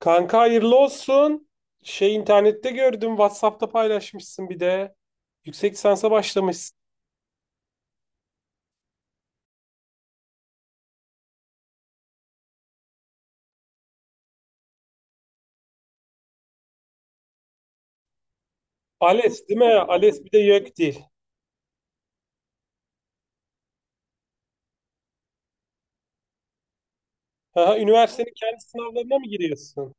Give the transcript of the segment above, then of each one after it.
Kanka hayırlı olsun. İnternette gördüm. WhatsApp'ta paylaşmışsın bir de. Yüksek lisansa başlamışsın. ALES değil mi? ALES bir de YÖKDİL. Aha, üniversitenin kendi sınavlarına mı giriyorsun?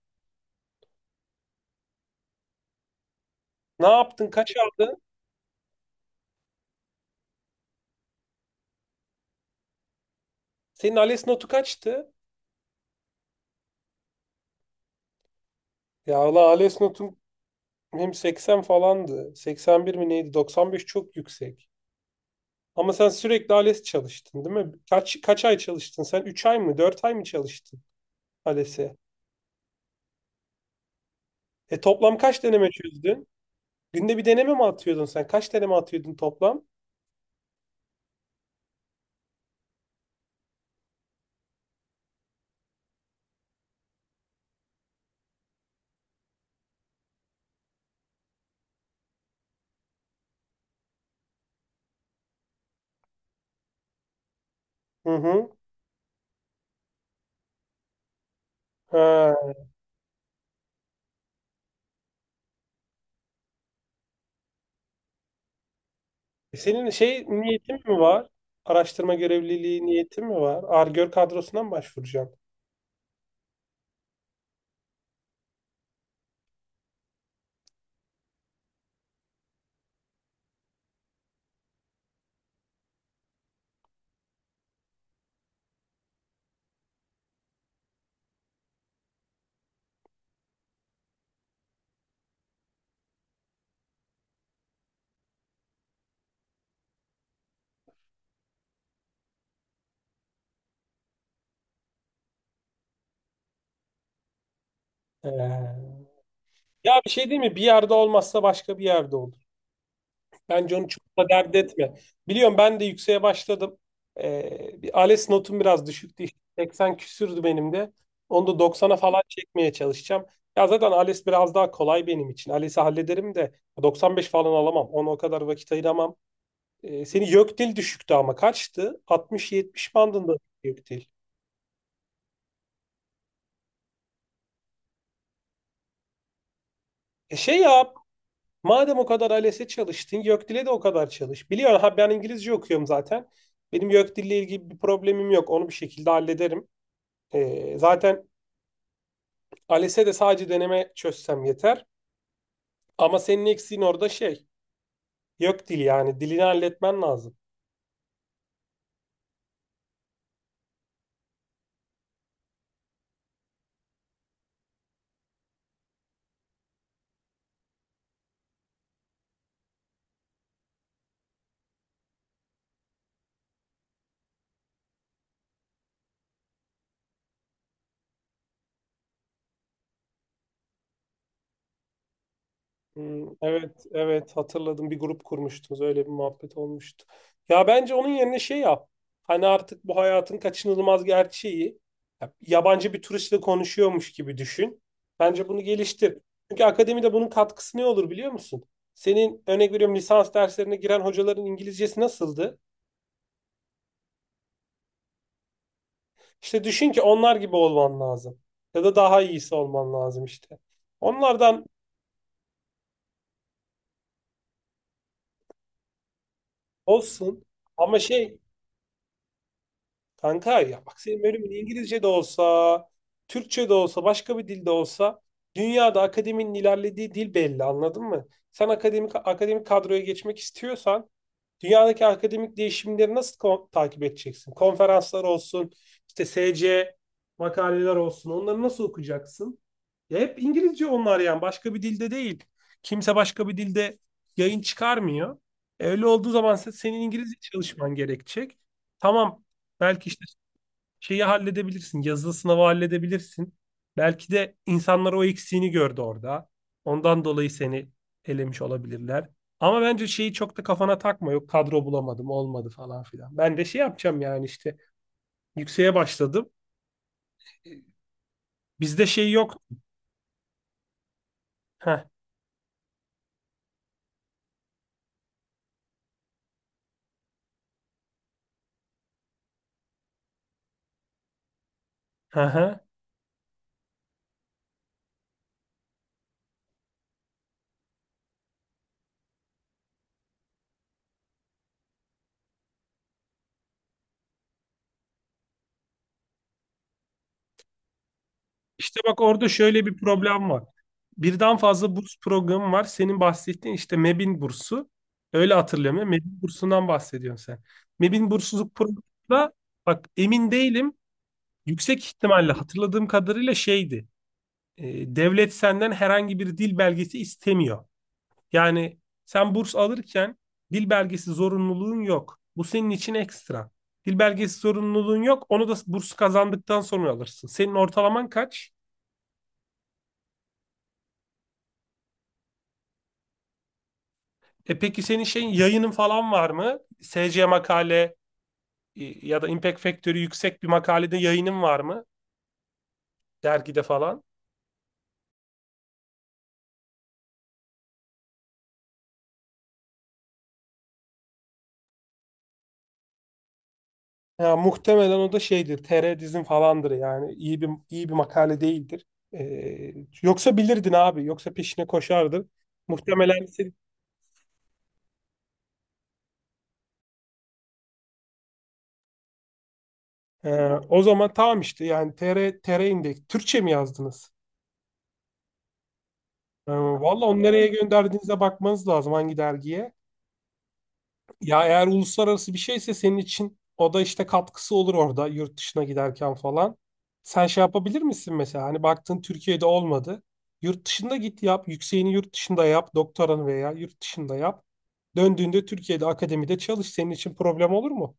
Ne yaptın? Kaç aldın? Senin ALES notu kaçtı? Ya valla ALES notum hem 80 falandı. 81 mi neydi? 95 çok yüksek. Ama sen sürekli ALES çalıştın değil mi? Kaç ay çalıştın? Sen 3 ay mı, 4 ay mı çalıştın ALES'e? E toplam kaç deneme çözdün? Günde bir deneme mi atıyordun sen? Kaç deneme atıyordun toplam? Hı hı. Ha. E, senin niyetin mi var? Araştırma görevliliği niyetin mi var? Ar-Gör kadrosuna mı başvuracaksın? Ee, Ya bir şey değil mi? Bir yerde olmazsa başka bir yerde olur. Bence onu çok da dert etme. Biliyorum ben de yükseğe başladım. Bir ALES notum biraz düşüktü. İşte. 80 küsürdü benim de. Onu da 90'a falan çekmeye çalışacağım. Ya zaten ALES biraz daha kolay benim için. ALES'i hallederim de 95 falan alamam. Ona o kadar vakit ayıramam. Seni YÖKDİL düşüktü ama kaçtı? 60-70 bandında YÖKDİL. E şey yap. Madem o kadar ALES'e çalıştın, YÖKDİL'e de o kadar çalış. Biliyorsun ha ben İngilizce okuyorum zaten. Benim YÖKDİL'le ilgili bir problemim yok. Onu bir şekilde hallederim. Zaten ALES'e de sadece deneme çözsem yeter. Ama senin eksiğin orada şey. Yok dil yani. Dilini halletmen lazım. Hmm, evet, evet hatırladım. Bir grup kurmuştunuz. Öyle bir muhabbet olmuştu. Ya bence onun yerine şey yap. Hani artık bu hayatın kaçınılmaz gerçeği. Ya, yabancı bir turistle konuşuyormuş gibi düşün. Bence bunu geliştir. Çünkü akademide bunun katkısı ne olur biliyor musun? Senin örnek veriyorum lisans derslerine giren hocaların İngilizcesi nasıldı? İşte düşün ki onlar gibi olman lazım. Ya da daha iyisi olman lazım işte. Onlardan olsun ama şey kanka ya bak senin bölümün İngilizce de olsa, Türkçe de olsa, başka bir dilde olsa dünyada akademinin ilerlediği dil belli anladın mı? Sen akademik kadroya geçmek istiyorsan dünyadaki akademik değişimleri nasıl takip edeceksin? Konferanslar olsun, işte SC makaleler olsun. Onları nasıl okuyacaksın? Ya hep İngilizce onlar yani. Başka bir dilde değil. Kimse başka bir dilde yayın çıkarmıyor. E, öyle olduğu zaman senin İngilizce çalışman gerekecek. Tamam. Belki işte şeyi halledebilirsin. Yazılı sınavı halledebilirsin. Belki de insanlar o eksiğini gördü orada. Ondan dolayı seni elemiş olabilirler. Ama bence şeyi çok da kafana takma. Yok kadro bulamadım, olmadı falan filan. Ben de şey yapacağım yani işte yükseğe başladım. Bizde şey yok. Heh, hı hı. İşte bak orada şöyle bir problem var. Birden fazla burs programı var. Senin bahsettiğin işte MEB'in bursu. Öyle hatırlıyorum ya. MEB'in bursundan bahsediyorsun sen. MEB'in bursluluk programı da bak emin değilim. Yüksek ihtimalle hatırladığım kadarıyla şeydi. E, devlet senden herhangi bir dil belgesi istemiyor. Yani sen burs alırken dil belgesi zorunluluğun yok. Bu senin için ekstra. Dil belgesi zorunluluğun yok. Onu da bursu kazandıktan sonra alırsın. Senin ortalaman kaç? E peki senin şeyin yayının falan var mı? SC makale ya da Impact Factory yüksek bir makalede yayının var mı? Dergide falan. Ya muhtemelen o da şeydir. TR dizin falandır yani. İyi bir makale değildir. E, yoksa bilirdin abi. Yoksa peşine koşardın. Muhtemelen e, o zaman tamam işte yani TR Index. Türkçe mi yazdınız? E, valla onu nereye gönderdiğinize bakmanız lazım hangi dergiye. Ya eğer uluslararası bir şeyse senin için o da işte katkısı olur orada yurt dışına giderken falan. Sen şey yapabilir misin mesela? Hani baktın Türkiye'de olmadı. Yurt dışında git yap. Yükseğini yurt dışında yap. Doktoranı veya yurt dışında yap. Döndüğünde Türkiye'de akademide çalış. Senin için problem olur mu?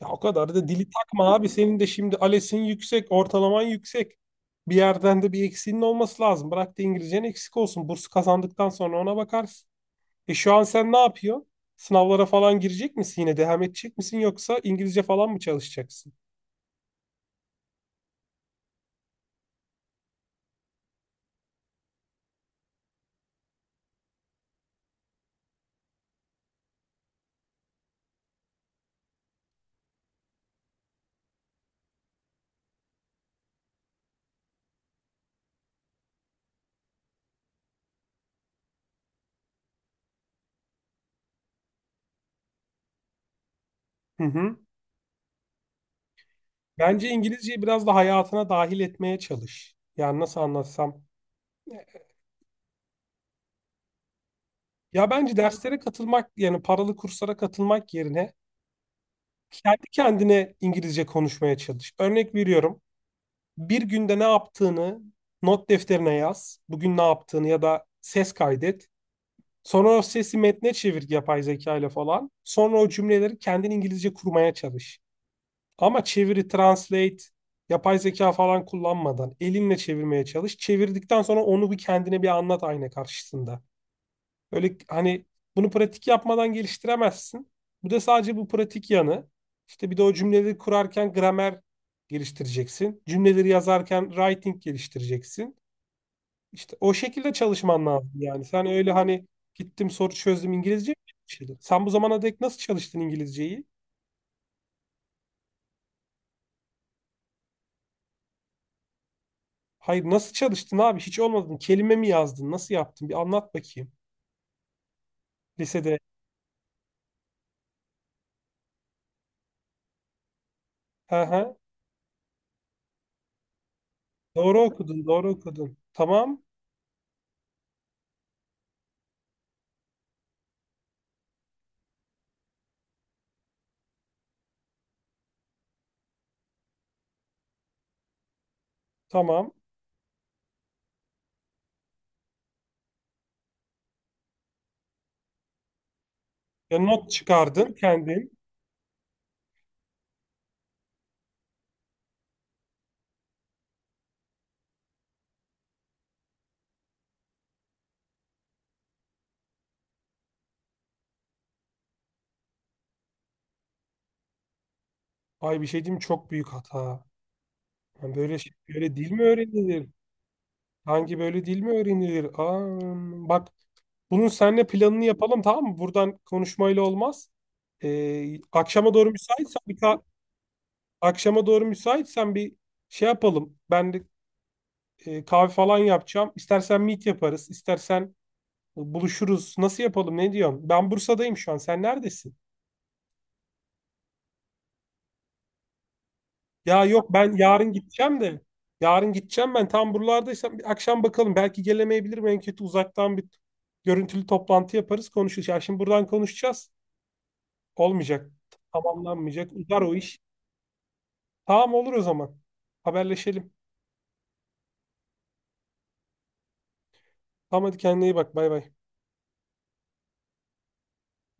Ya o kadar da dili takma abi. Senin de şimdi ALES'in yüksek, ortalaman yüksek. Bir yerden de bir eksiğinin olması lazım. Bırak da İngilizcen eksik olsun. Burs kazandıktan sonra ona bakarsın. E şu an sen ne yapıyorsun? Sınavlara falan girecek misin yine? Devam edecek misin yoksa İngilizce falan mı çalışacaksın? Hı hı. Bence İngilizceyi biraz da hayatına dahil etmeye çalış. Yani nasıl anlatsam? Ya bence derslere katılmak yani paralı kurslara katılmak yerine kendi kendine İngilizce konuşmaya çalış. Örnek veriyorum. Bir günde ne yaptığını not defterine yaz. Bugün ne yaptığını ya da ses kaydet. Sonra o sesi metne çevir yapay zeka ile falan. Sonra o cümleleri kendin İngilizce kurmaya çalış. Ama çeviri, translate, yapay zeka falan kullanmadan elinle çevirmeye çalış. Çevirdikten sonra onu bir kendine bir anlat ayna karşısında. Öyle hani bunu pratik yapmadan geliştiremezsin. Bu da sadece bu pratik yanı. İşte bir de o cümleleri kurarken gramer geliştireceksin. Cümleleri yazarken writing geliştireceksin. İşte o şekilde çalışman lazım yani. Sen öyle hani gittim soru çözdüm İngilizce mi, çalıştın? Sen bu zamana dek nasıl çalıştın İngilizceyi? Hayır nasıl çalıştın abi? Hiç olmadın. Kelime mi yazdın? Nasıl yaptın? Bir anlat bakayım. Lisede. Hı hı. Doğru okudun, doğru okudun. Tamam, tamam. Ya not çıkardın kendin. Ay bir şey diyeyim mi? Çok büyük hata. Yani böyle şey, böyle dil mi öğrenilir? Hangi böyle dil mi öğrenilir? Aa, bak bunun seninle planını yapalım tamam mı? Buradan konuşmayla olmaz. Ee, akşama doğru müsaitsen bir ka- Akşama doğru müsaitsen bir şey yapalım. Ben de kahve falan yapacağım. İstersen meet yaparız, istersen buluşuruz. Nasıl yapalım? Ne diyorsun? Ben Bursa'dayım şu an. Sen neredesin? Ya yok ben yarın gideceğim de. Yarın gideceğim ben. Tam buralardaysam bir akşam bakalım. Belki gelemeyebilirim. En kötü uzaktan bir görüntülü toplantı yaparız, konuşuruz. Ya şimdi buradan konuşacağız. Olmayacak. Tamamlanmayacak. Uzar o iş. Tamam olur o zaman. Haberleşelim. Tamam hadi kendine iyi bak. Bay bay.